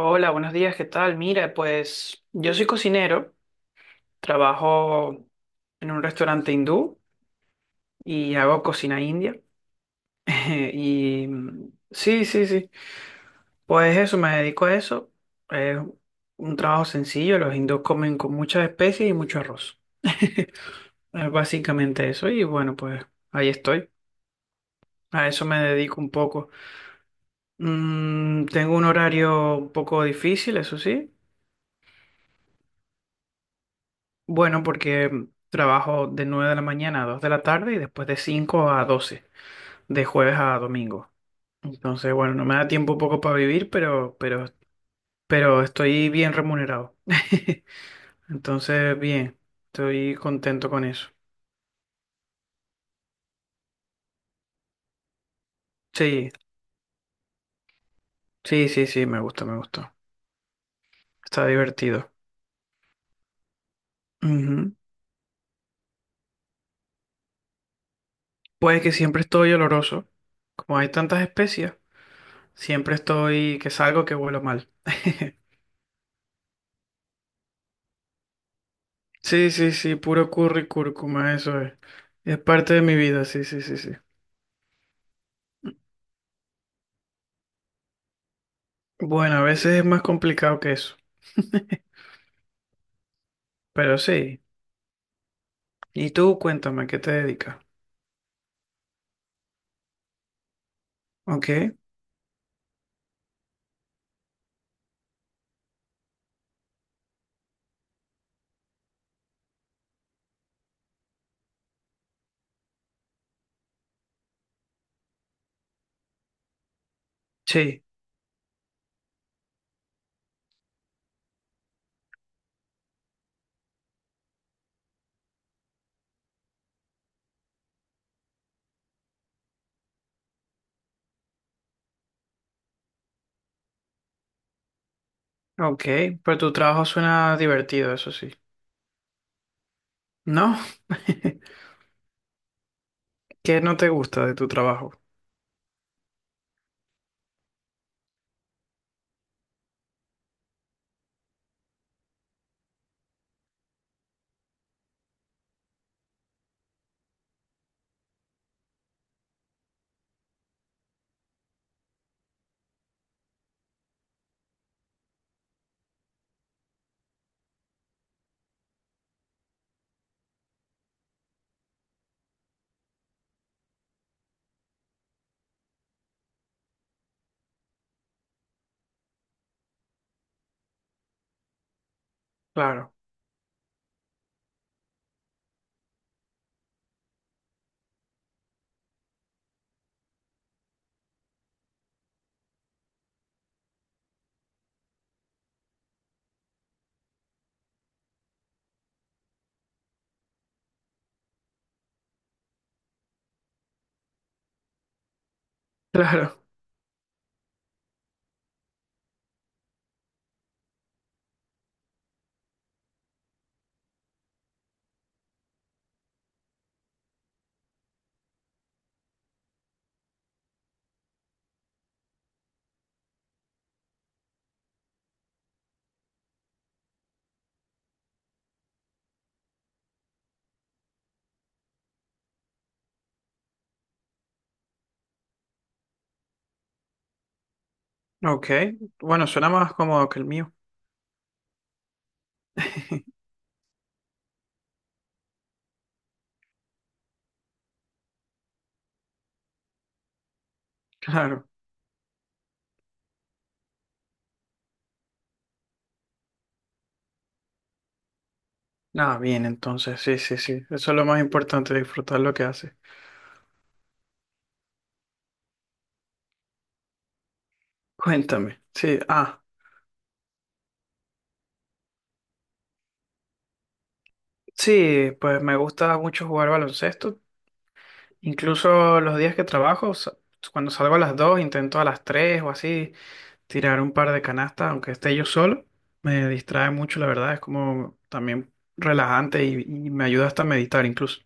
Hola, buenos días, ¿qué tal? Mira, pues yo soy cocinero, trabajo en un restaurante hindú y hago cocina india. Y mm, sí, sí, sí, pues eso, me dedico a eso. Es un trabajo sencillo, los hindús comen con muchas especies y mucho arroz. Es básicamente eso y bueno, pues ahí estoy. A eso me dedico un poco. Tengo un horario un poco difícil, eso sí. Bueno, porque trabajo de 9 de la mañana a 2 de la tarde y después de 5 a 12 de jueves a domingo. Entonces, bueno, no me da tiempo un poco para vivir, pero estoy bien remunerado. Entonces, bien, estoy contento con eso. Sí, sí, sí, sí, me gusta, me gusta. Está divertido. Ujú. Pues que siempre estoy oloroso. Como hay tantas especias, siempre estoy que salgo que huelo mal. Sí, sí, sí, puro curry y cúrcuma, eso es. Es parte de mi vida, sí, sí, sí, sí. Bueno, a veces es más complicado que eso, pero sí. Y tú, cuéntame, ¿a qué te dedicas? Ok, sí, ok, pero tu trabajo suena divertido, eso sí. ¿No? ¿Qué no te gusta de tu trabajo? Claro, claro, ok. Bueno, suena más cómodo que el mío. Claro. Ah, bien, entonces, sí, sí, sí. Eso es lo más importante, disfrutar lo que haces. Cuéntame. Sí, ah. Sí, pues me gusta mucho jugar baloncesto. Incluso los días que trabajo, cuando salgo a las 2, intento a las 3 o así tirar un par de canastas, aunque esté yo solo. Me distrae mucho, la verdad. Es como también relajante y me ayuda hasta a meditar incluso.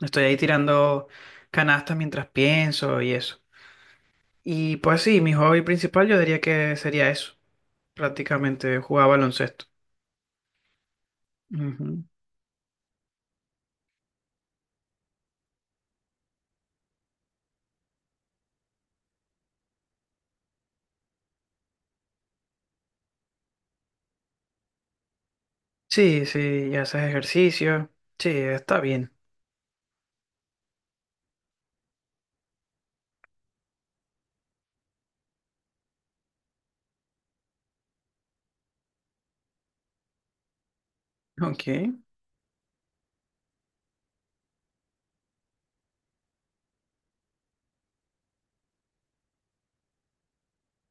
Estoy ahí tirando canastas mientras pienso y eso. Y pues sí, mi hobby principal yo diría que sería eso, prácticamente jugar baloncesto. Ujú. Sí, sí, y haces ejercicio. Sí, está bien. Ok.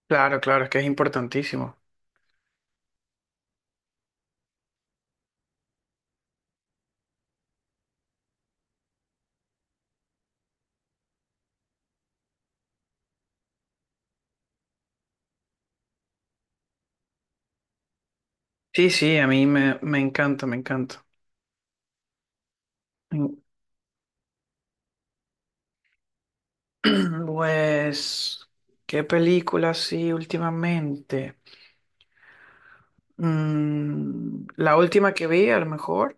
Claro, claro, es que es importantísimo. Sí, sí, a mí me encanta, me encanta. Mm, Pues, ¿qué película sí últimamente? La última que vi, a lo mejor,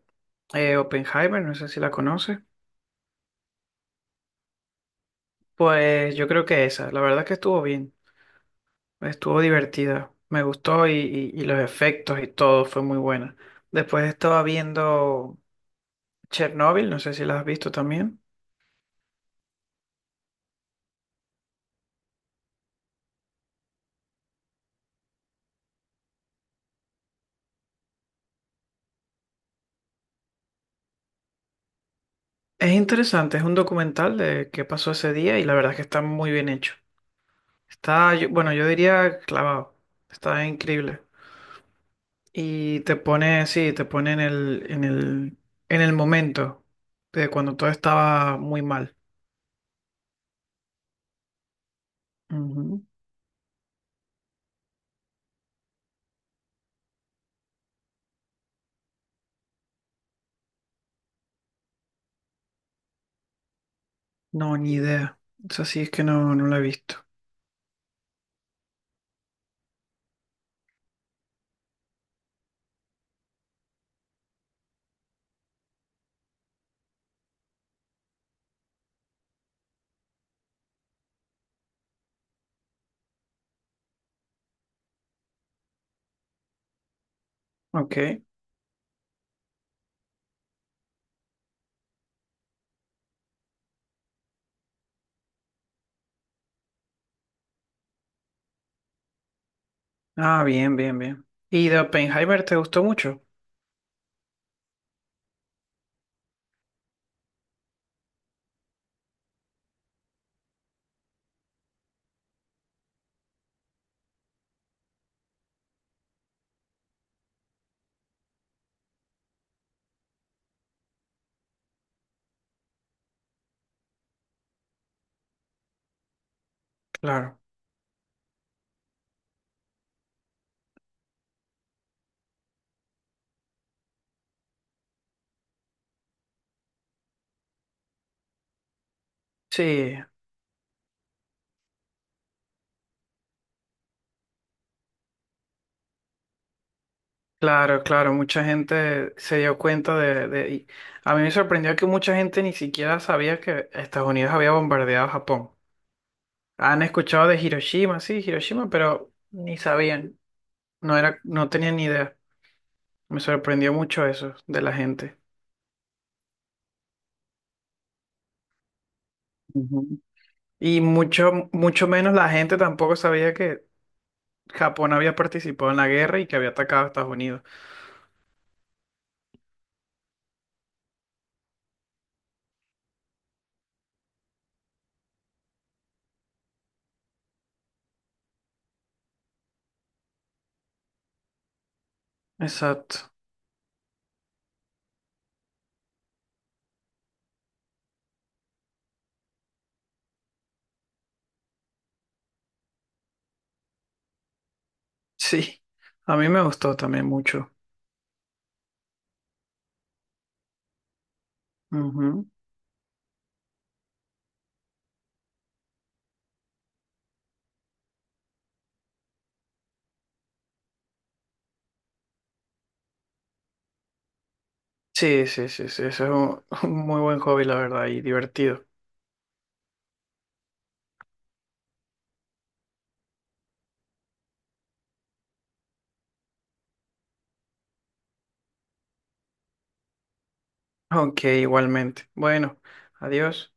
Oppenheimer, no sé si la conoces. Pues yo creo que esa, la verdad que estuvo bien, estuvo divertida, me gustó y los efectos y todo fue muy buena. Después estaba viendo Chernobyl, no sé si la has visto también. Es interesante, es un documental de qué pasó ese día y la verdad es que está muy bien hecho. Está, bueno, yo diría clavado, está increíble. Y te pone, sí, te pone en el momento de cuando todo estaba muy mal. Ujú. No, ni idea. Eso sí es que no, no lo he visto. Ok. Ah, bien, bien, bien. ¿Y de Oppenheimer te gustó mucho? Claro. Sí, claro, claro, mucha gente se dio cuenta y a mí me sorprendió que mucha gente ni siquiera sabía que Estados Unidos había bombardeado Japón. Han escuchado de Hiroshima, sí, Hiroshima, pero ni sabían, no era, no tenían ni idea. Me sorprendió mucho eso de la gente. Ujú. Y mucho, mucho menos la gente tampoco sabía que Japón había participado en la guerra y que había atacado a Estados Unidos. Exacto. Sí, a mí me gustó también mucho. Ujú. Sí, sí, sí, sí, eso es un un muy buen hobby, la verdad, y divertido. Ok, igualmente. Bueno, adiós.